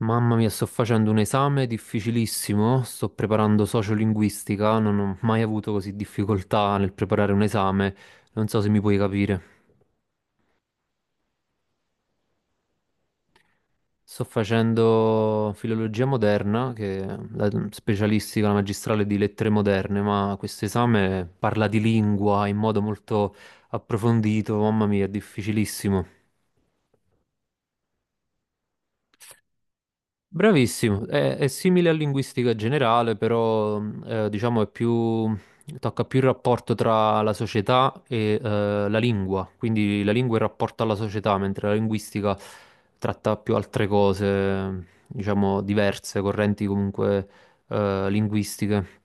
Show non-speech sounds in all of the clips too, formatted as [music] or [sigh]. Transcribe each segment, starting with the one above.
Mamma mia, sto facendo un esame difficilissimo, sto preparando sociolinguistica, non ho mai avuto così difficoltà nel preparare un esame, non so se mi puoi capire. Sto facendo filologia moderna, che è la specialistica, la magistrale di lettere moderne, ma questo esame parla di lingua in modo molto approfondito, mamma mia, è difficilissimo. Bravissimo, è simile a linguistica generale, però diciamo è più, tocca più il rapporto tra la società e la lingua, quindi la lingua è il rapporto alla società, mentre la linguistica tratta più altre cose, diciamo diverse, correnti comunque linguistiche.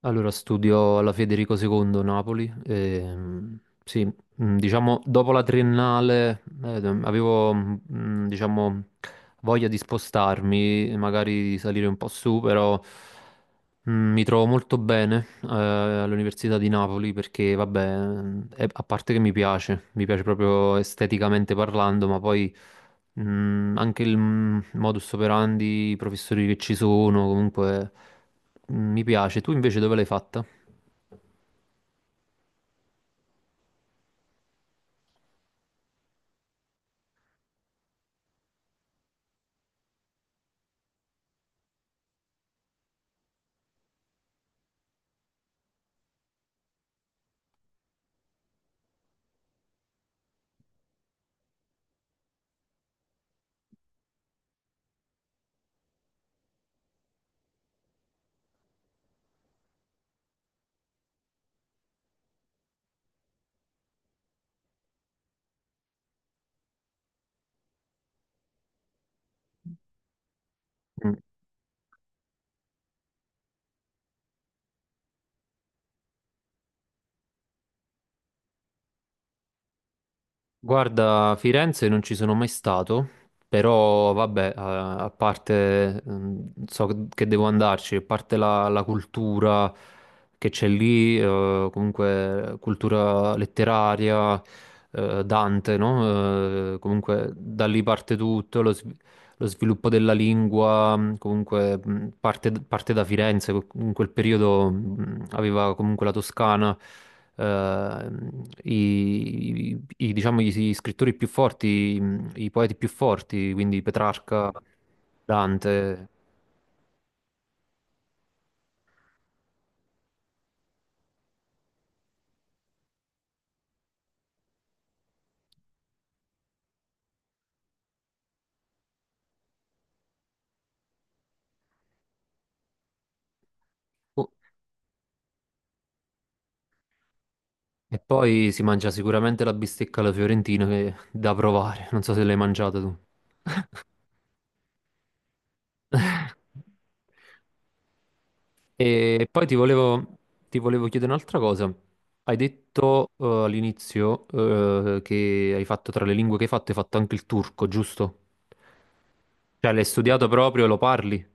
Allora, studio alla Federico II Napoli. Sì, diciamo, dopo la triennale avevo, diciamo, voglia di spostarmi, magari di salire un po' su, però mi trovo molto bene all'Università di Napoli perché, vabbè, a parte che mi piace proprio esteticamente parlando, ma poi anche il modus operandi, i professori che ci sono, comunque mi piace. Tu invece dove l'hai fatta? Mm. Guarda, Firenze non ci sono mai stato, però vabbè, a parte, so che devo andarci, a parte la cultura che c'è lì, comunque cultura letteraria, Dante, no? Comunque da lì parte tutto, lo sviluppo della lingua, comunque, parte da Firenze, in quel periodo aveva comunque la Toscana. eh, diciamo, gli scrittori più forti, i poeti più forti, quindi Petrarca, Dante. Oh, e poi si mangia sicuramente la bistecca alla fiorentina, che è da provare. Non so se l'hai mangiata tu. [laughs] E poi ti volevo chiedere un'altra cosa. Hai detto all'inizio che hai fatto tra le lingue che hai fatto anche il turco, giusto? Cioè l'hai studiato proprio, e lo parli?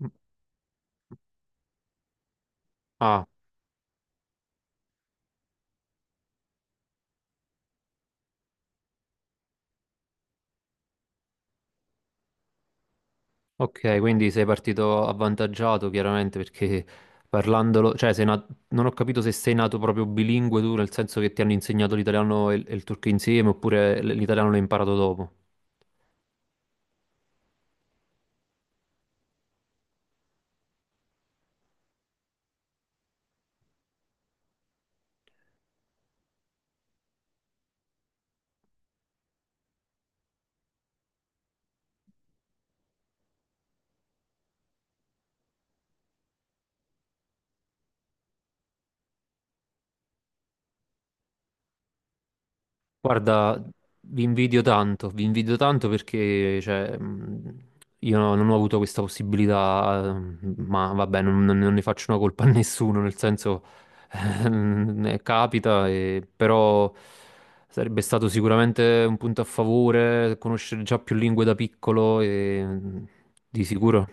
Mm. Ah, ok, quindi sei partito avvantaggiato chiaramente perché parlandolo, cioè non ho capito se sei nato proprio bilingue tu, nel senso che ti hanno insegnato l'italiano e il turco insieme oppure l'italiano l'hai imparato dopo. Guarda, vi invidio tanto perché cioè, io non ho avuto questa possibilità, ma vabbè, non ne faccio una colpa a nessuno, nel senso [laughs] capita, però sarebbe stato sicuramente un punto a favore conoscere già più lingue da piccolo e di sicuro.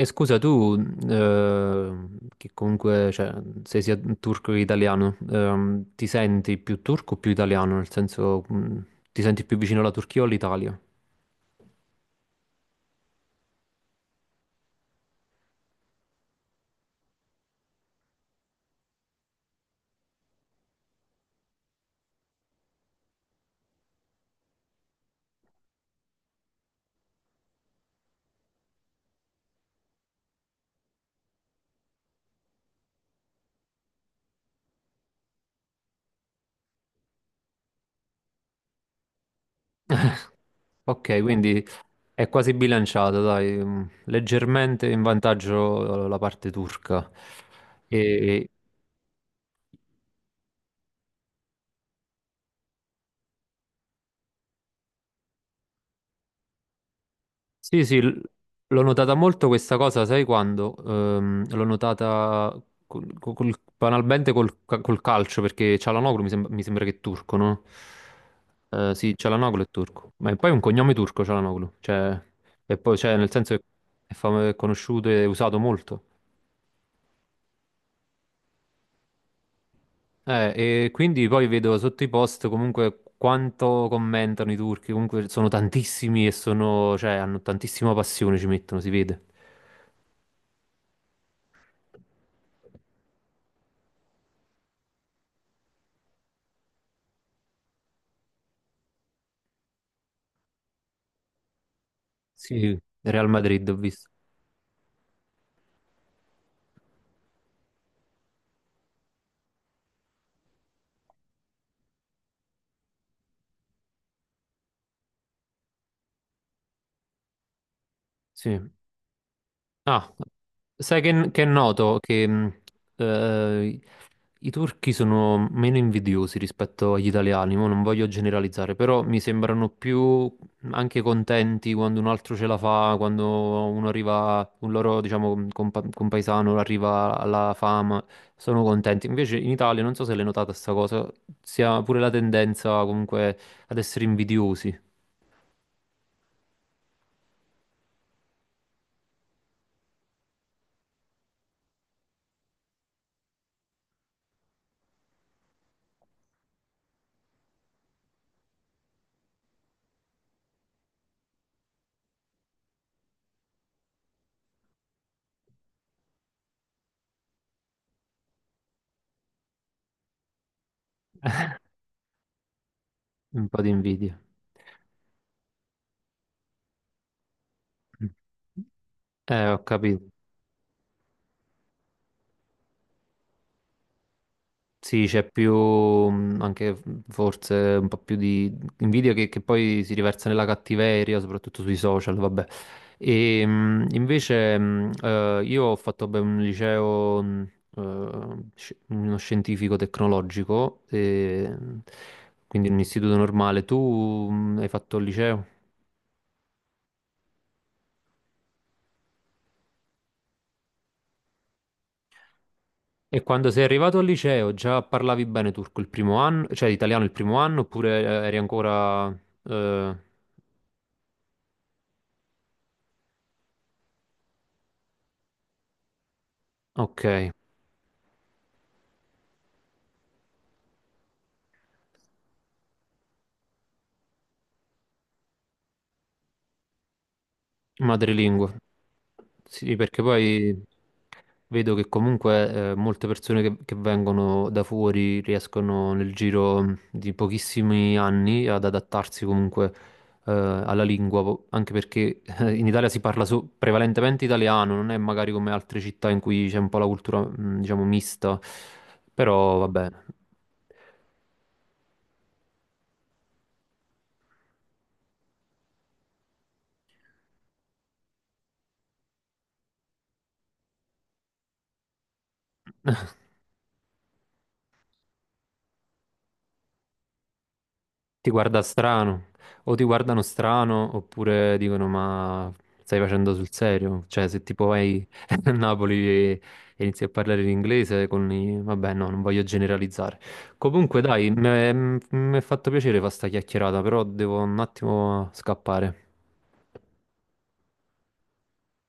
E scusa, tu, eh, che comunque, cioè, sei sia turco che italiano, ti senti più turco o più italiano? Nel senso, ti senti più vicino alla Turchia o all'Italia? Ok, quindi è quasi bilanciata, dai, leggermente in vantaggio la parte turca. E, Sì, sì, l'ho notata molto questa cosa, sai quando? L'ho notata banalmente col calcio, perché Çalhanoğlu mi sembra che è turco, no? Sì, Çalhanoğlu è turco, ma poi è poi un cognome turco Çalhanoğlu, cioè, e poi, cioè, nel senso che è conosciuto e usato molto. E quindi poi vedo sotto i post comunque quanto commentano i turchi, comunque sono tantissimi e sono, cioè, hanno tantissima passione, ci mettono, si vede. Sì, Real Madrid ho visto. Sì. Ah, sai che è noto che eh, i turchi sono meno invidiosi rispetto agli italiani, mo non voglio generalizzare, però mi sembrano più anche contenti quando un altro ce la fa, quando uno arriva, un loro, diciamo, compaesano arriva alla fama, sono contenti. Invece in Italia, non so se l'hai notata sta cosa, si ha pure la tendenza comunque ad essere invidiosi, un po' di invidia. Mm. Ho capito. Sì, c'è più anche forse un po' più di invidia che poi si riversa nella cattiveria, soprattutto sui social, vabbè. E invece io ho fatto beh, un liceo, uno scientifico tecnologico, e quindi un istituto normale. Tu hai fatto il liceo? E quando sei arrivato al liceo già parlavi bene turco il primo anno, cioè italiano il primo anno, oppure eri ancora. eh, ok, madrelingua. Sì, perché poi vedo che comunque molte persone che vengono da fuori riescono nel giro di pochissimi anni ad adattarsi comunque alla lingua, anche perché in Italia si parla prevalentemente italiano, non è magari come altre città in cui c'è un po' la cultura, diciamo, mista, però va bene. Ti guarda strano, o ti guardano strano, oppure dicono: Ma stai facendo sul serio? Cioè, se tipo vai [laughs] a Napoli e inizi a parlare in inglese con i. Vabbè, no, non voglio generalizzare. Comunque, dai, mi è fatto piacere fare sta chiacchierata, però devo un attimo scappare.